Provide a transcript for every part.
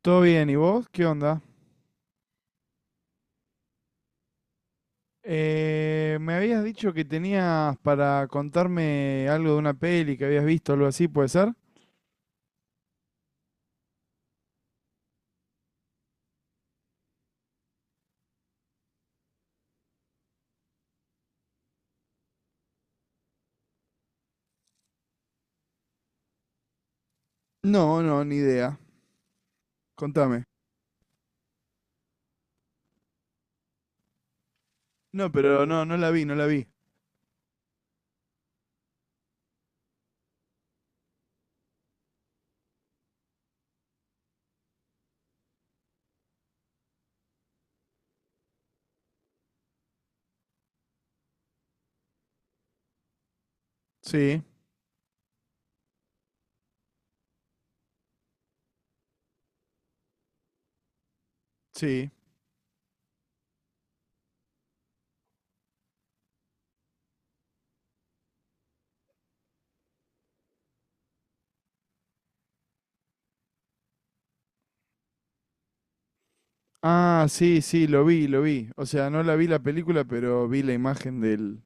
Todo bien, ¿y vos? ¿Qué onda? Me habías dicho que tenías para contarme algo de una peli que habías visto, algo así, ¿puede ser? No, no, ni idea. Contame. No, pero no la vi, no la vi. Sí, sí. Ah, sí, sí, lo vi, lo vi. O sea, no la vi la película, pero vi la imagen del...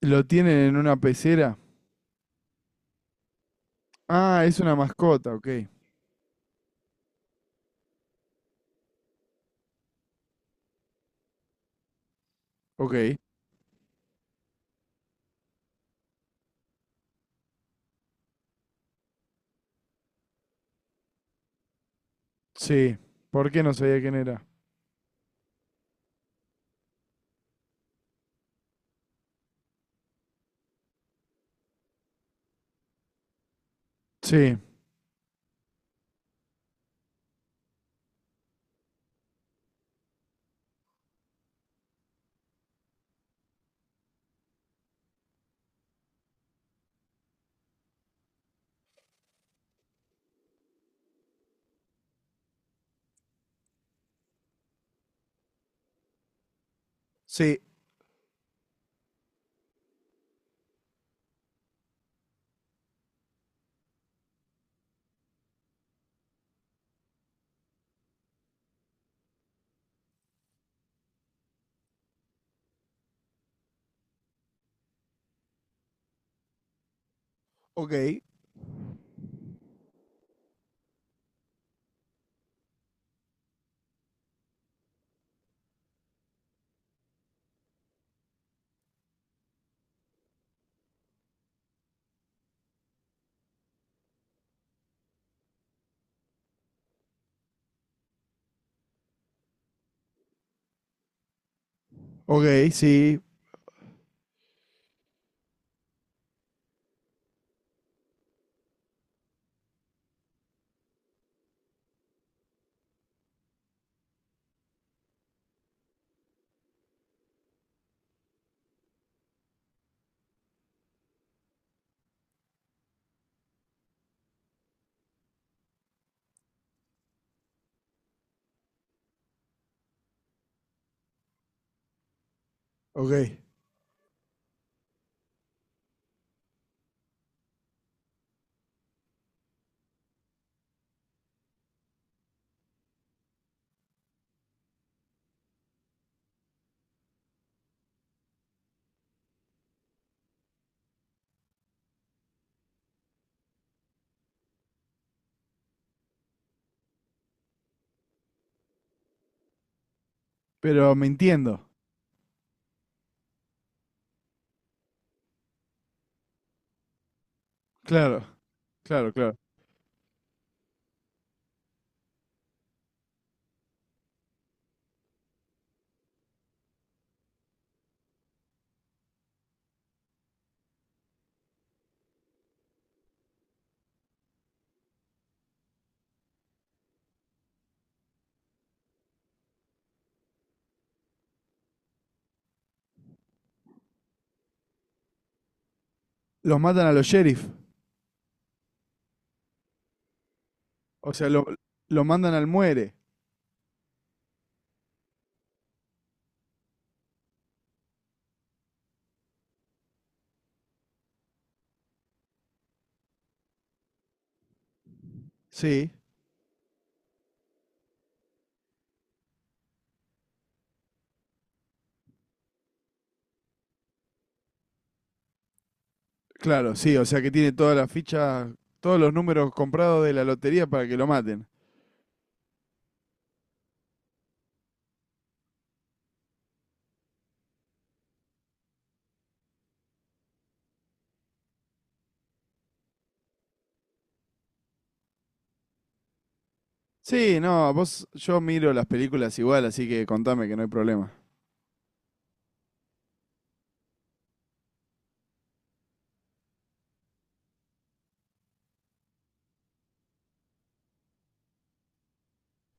¿Lo tienen en una pecera? Ah, es una mascota, ok. Ok. Sí. ¿Por qué no sabía quién era? Sí. Sí. Ok. Ok, sí. Ok. Pero me entiendo. Claro, claro, claro. Los matan a los sheriff. O sea, lo mandan al muere. Sí, claro, sí. O sea que tiene todas las fichas, todos los números comprados de la lotería para que lo maten. Sí, no, vos, yo miro las películas igual, así que contame que no hay problema.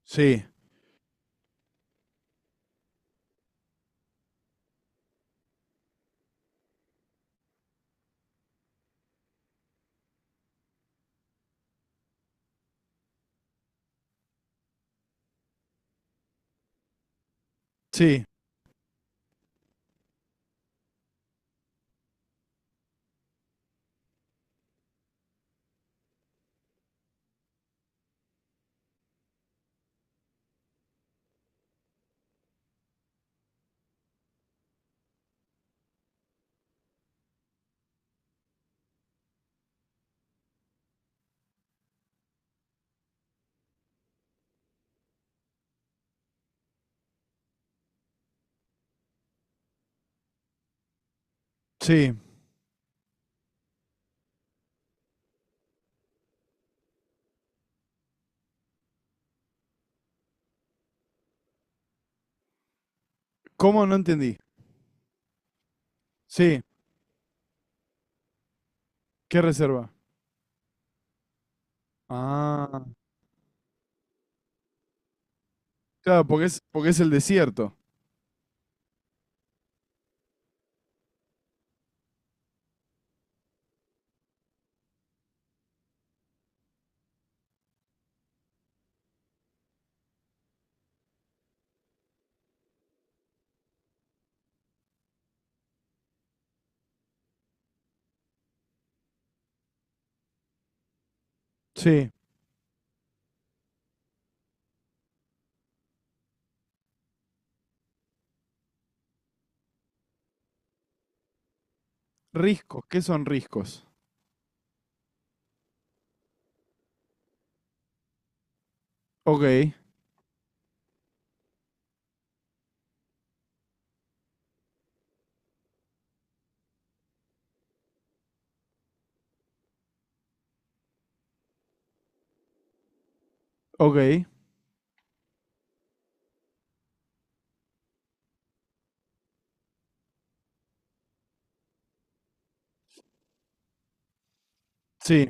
Sí, sí, sí. ¿Cómo no entendí? Sí, ¿qué reserva? Ah, claro, porque porque es el desierto. Sí. Riscos, ¿qué son riscos? Ok, ok, sí.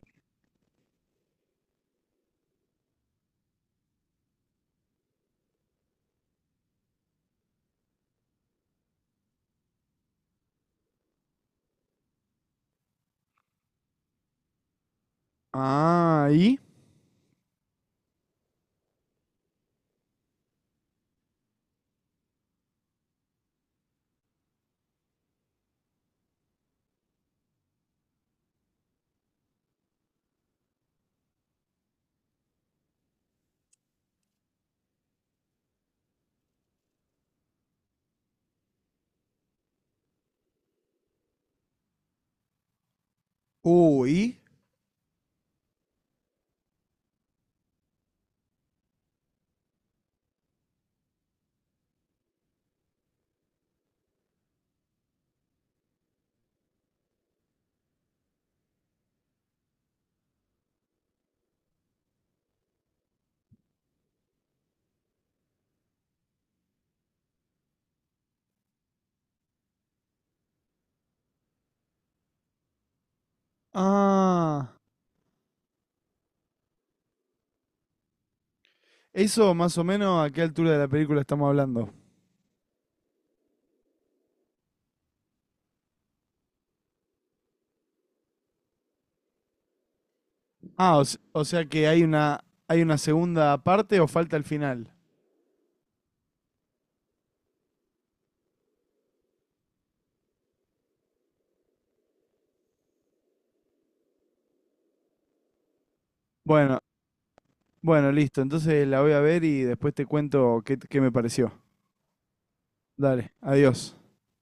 Ah, ¿y? Uy. Ah. Eso más o menos a qué altura de la película estamos hablando. Ah, o sea que hay una segunda parte o falta el final. Bueno, bueno, listo. Entonces la voy a ver y después te cuento qué me pareció. Dale, adiós.